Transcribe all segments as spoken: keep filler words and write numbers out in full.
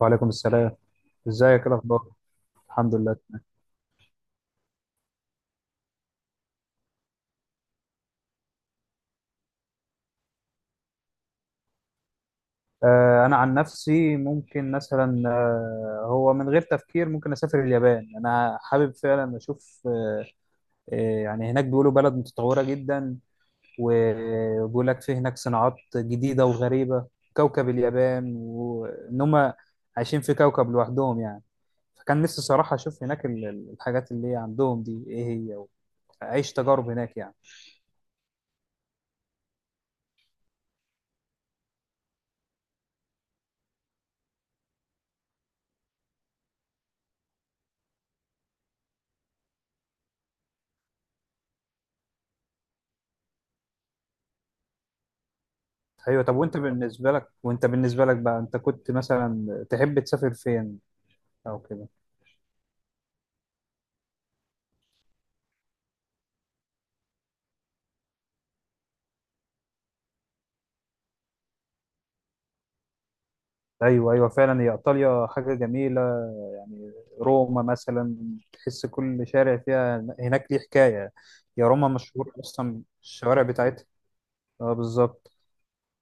وعليكم السلام. ازيك؟ ايه الاخبار؟ الحمد لله. آه انا عن نفسي ممكن مثلا آه هو من غير تفكير ممكن اسافر اليابان. انا حابب فعلا اشوف آه آه يعني هناك بيقولوا بلد متطورة جدا، وبيقول لك في هناك صناعات جديدة وغريبة. كوكب اليابان، وان هم عايشين في كوكب لوحدهم يعني. فكان نفسي صراحة اشوف هناك ال- ال- الحاجات اللي عندهم دي ايه هي، واعيش تجارب هناك يعني. ايوه. طب وانت بالنسبه لك، وانت بالنسبه لك بقى انت كنت مثلا تحب تسافر فين او كده؟ ايوه ايوه فعلا، هي ايطاليا حاجه جميله يعني. روما مثلا، تحس كل شارع فيها هناك ليه حكايه. يا روما مشهور اصلا الشوارع بتاعتها. اه بالظبط.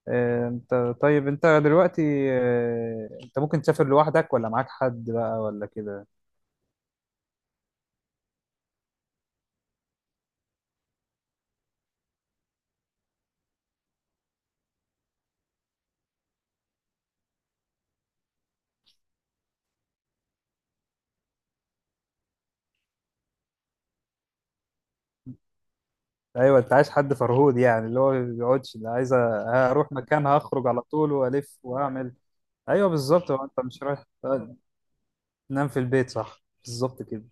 آه، انت طيب انت دلوقتي، آه، انت ممكن تسافر لوحدك ولا معاك حد بقى ولا كده؟ ايوه، انت عايز حد فرهود، يعني اللي هو ما بيقعدش، اللي عايز أ- هروح مكان، هخرج على طول والف واعمل. ايوه بالظبط، هو انت مش رايح تنام في البيت، صح، بالظبط كده.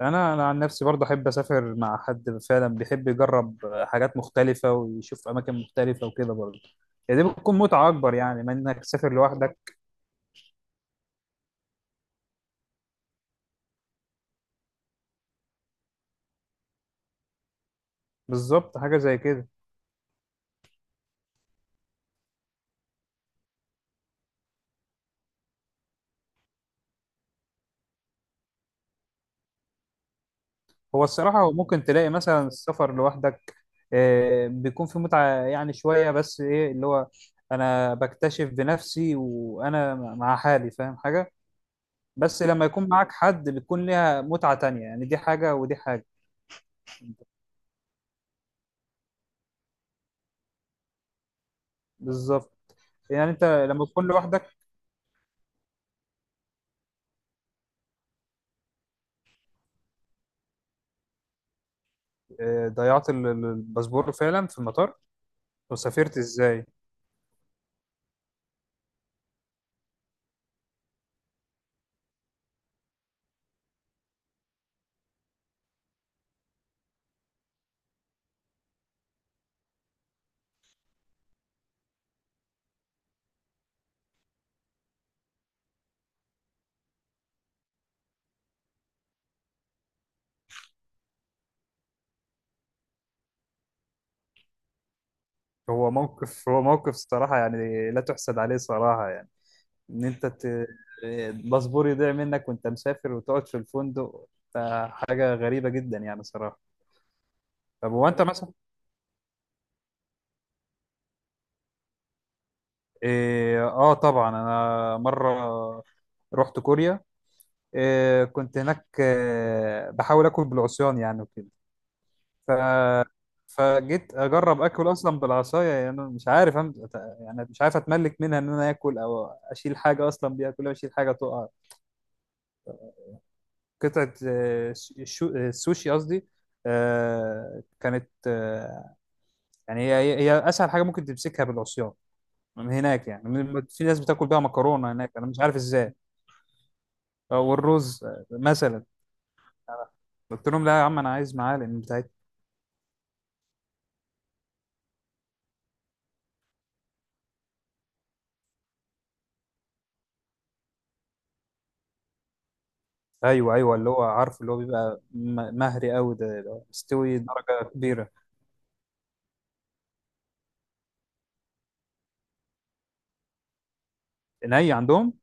انا انا عن نفسي برضه احب اسافر مع حد فعلا بيحب يجرب حاجات مختلفه ويشوف اماكن مختلفه وكده برضه، يعني دي بتكون متعه اكبر يعني من انك تسافر لوحدك. بالظبط، حاجه زي كده. هو الصراحه هو ممكن تلاقي مثلا السفر لوحدك آه، بيكون في متعه يعني شويه، بس ايه اللي هو انا بكتشف بنفسي، وانا مع حالي فاهم حاجه. بس لما يكون معاك حد بتكون ليها متعه تانية، يعني دي حاجه ودي حاجه. بالظبط. يعني انت لما تكون لوحدك... آه، ضيعت ال- ال- الباسبور فعلا في المطار؟ وسافرت ازاي؟ هو موقف هو موقف صراحة يعني لا تحسد عليه صراحة يعني، ان انت ت... آه، الباسبور يضيع منك وانت مسافر وتقعد في الفندق، ده حاجة غريبة جدا يعني صراحة. طب هو انت مثلا... اه. آه، طبعا انا مرة رحت كوريا. آه، كنت هناك آه، بحاول اكل بالعصيان يعني وكده. فجيت اجرب اكل اصلا بالعصايه يعني. أنا مش عارف أم... يعني مش عارف اتملك منها ان انا اكل او اشيل حاجه اصلا بيها. كل ما اشيل حاجه تقع قطعه. آه، الشو... السوشي قصدي. آه، كانت آه، يعني هي هي هي اسهل حاجه ممكن تمسكها بالعصيان من هناك يعني. من- في ناس بتاكل بيها مكرونه هناك، انا مش عارف ازاي. او الرز آه، مثلا. قلت لهم لا يا عم، انا عايز معالق بتاعتي. ايوه ايوه، اللي هو عارف اللي هو بيبقى م- مهري قوي، ده اللي هو مستوي درجه كبيره. ني عندهم.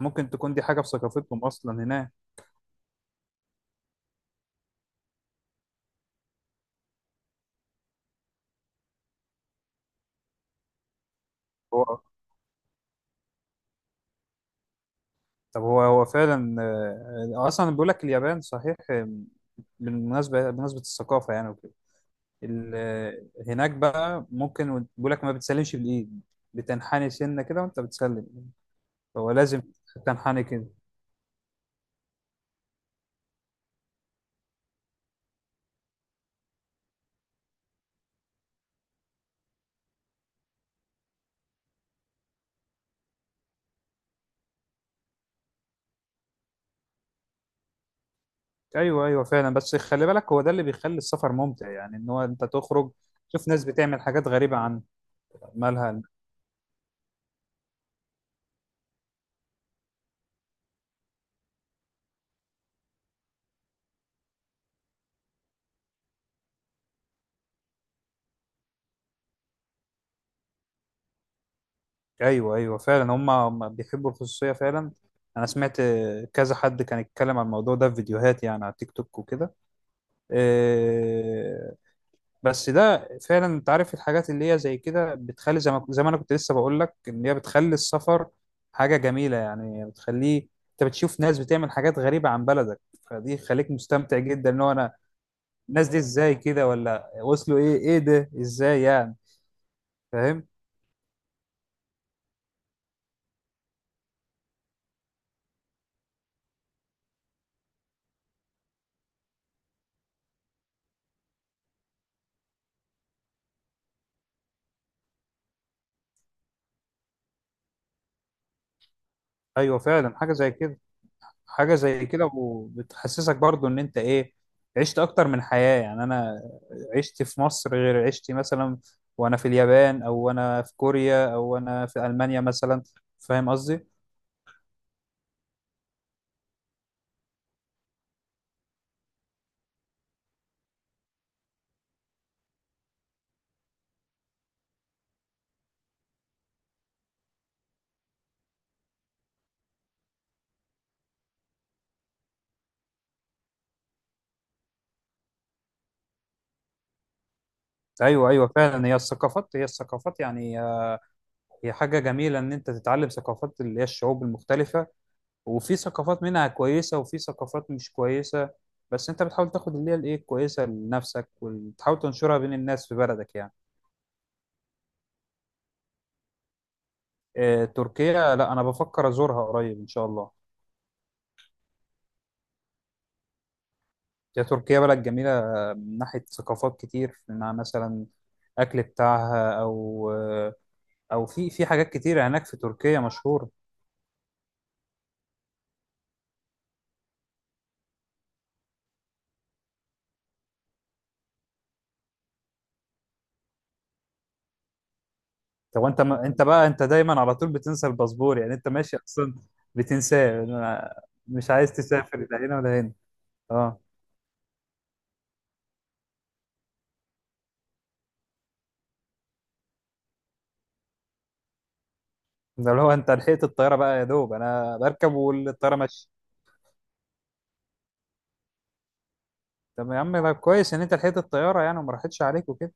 ممكن تكون دي حاجة في ثقافتهم أصلا هناك. هو، طب هو هو فعلا آه، آه، أصلا بيقول لك اليابان صحيح. آه، بالمناسبة بمناسبة الثقافة يعني وكده، ال- آه، هناك بقى ممكن بيقول لك ما بتسلمش بالإيد، بتنحني سنة كده وأنت بتسلم. هو لازم تنحني كده. أيوه أيوه فعلا، بس خلي بالك هو ده اللي بيخلي السفر ممتع يعني، إن هو أنت تخرج تشوف ناس بتعمل حاجات غريبة عن... مالها؟ ايوه ايوه فعلا، هم هم بيحبوا الخصوصيه فعلا. انا سمعت آه، كذا حد كان يتكلم عن الموضوع ده في فيديوهات يعني، على تيك توك وكده. آه، بس ده فعلا انت عارف الحاجات اللي هي زي كده بتخلي زي ما زي ما انا كنت لسه بقول لك ان هي بتخلي السفر حاجه جميله يعني. بتخليه انت بتشوف ناس بتعمل حاجات غريبه عن بلدك، فدي خليك مستمتع جدا. ان هو انا، الناس دي ازاي كده ولا وصلوا ايه؟ ايه ده؟ ازاي يعني؟ فاهم؟ ايوه فعلا حاجه زي كده. حاجة زي كده، وبتحسسك برضو ان انت ايه، عشت اكتر من حياة يعني. انا عشت في مصر غير عشتي مثلا وانا في اليابان، او انا في كوريا، او انا في المانيا مثلا. فاهم قصدي؟ ايوه ايوه فعلا، هي الثقافات هي الثقافات يعني، هي حاجة جميلة ان انت تتعلم ثقافات اللي هي الشعوب المختلفة. وفي ثقافات منها كويسة، وفي ثقافات مش كويسة، بس انت بتحاول تاخد اللي هي الايه الكويسة لنفسك، وتحاول تنشرها بين الناس في بلدك يعني. آه، تركيا؟ لا انا بفكر ازورها قريب ان شاء الله. هي تركيا بلد جميله آه، من ناحيه ثقافات كتير، مع مثلا اكل بتاعها، او آه، او في في حاجات كتير هناك في تركيا مشهوره. طب انت ما انت بقى انت دايما على طول بتنسى الباسبور، يعني انت ماشي اصلا بتنساه. أنا مش عايز تسافر لا هنا ولا هنا. اه. ده اللي هو انت لحقت الطياره بقى، يا دوب انا بركب والطياره ماشيه. طب يا عم ده كويس ان انت لحقت الطياره يعني وما راحتش عليك وكده.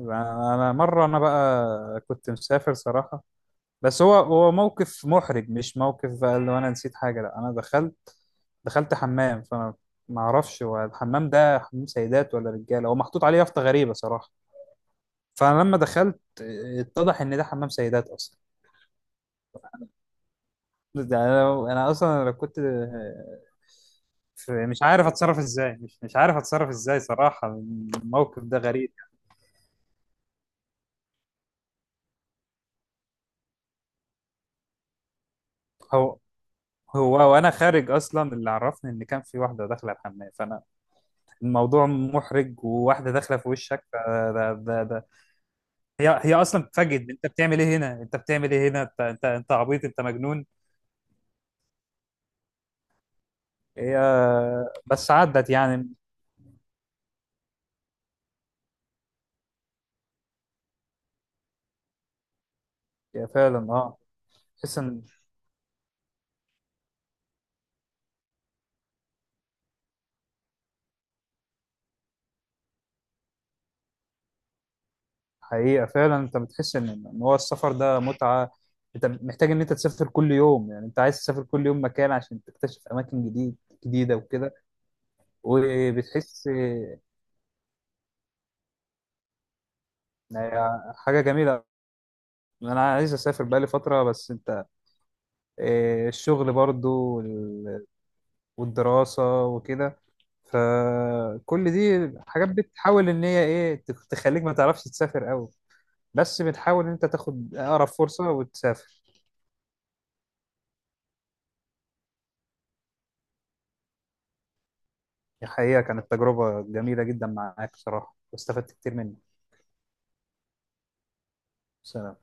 انا مره، انا بقى كنت مسافر صراحه. بس هو هو موقف محرج، مش موقف بقى اللي انا نسيت حاجه، لا انا دخلت دخلت حمام. فانا ما اعرفش هو الحمام ده حمام سيدات ولا رجاله. هو محطوط عليه يافطه غريبه صراحه. فانا لما دخلت، اتضح ان ده حمام سيدات اصلا. ده انا، أنا اصلا لو كنت في... مش عارف اتصرف ازاي. مش مش عارف اتصرف ازاي صراحه، الموقف ده غريب. هو هو وانا خارج اصلا اللي عرفني ان كان في واحده داخله الحمام. فانا الموضوع محرج، وواحده داخله في وشك، فده ده ده ده- هي هي اصلا بتتفاجئ، انت بتعمل ايه هنا، انت بتعمل ايه هنا، انت انت انت عبيط، انت مجنون. هي، بس عدت يعني. هي فعلا، اه. تحس ان... حقيقه فعلا انت بتحس ان ان هو السفر ده متعه. انت محتاج ان انت تسافر كل يوم، يعني انت عايز تسافر كل يوم مكان عشان تكتشف اماكن جديد، جديده وكده. وبتحس إن... حاجه جميله. انا عايز اسافر بقالي فتره، بس انت، إيه، الشغل برضو والدراسة وكده، فكل دي حاجات بتحاول ان هي ايه تخ- تخليك ما تعرفش تسافر قوي، بس بتحاول ان انت تاخد اقرب فرصة وتسافر. الحقيقة كانت تجربة جميلة جدا معاك بصراحة، واستفدت كتير منك. سلام.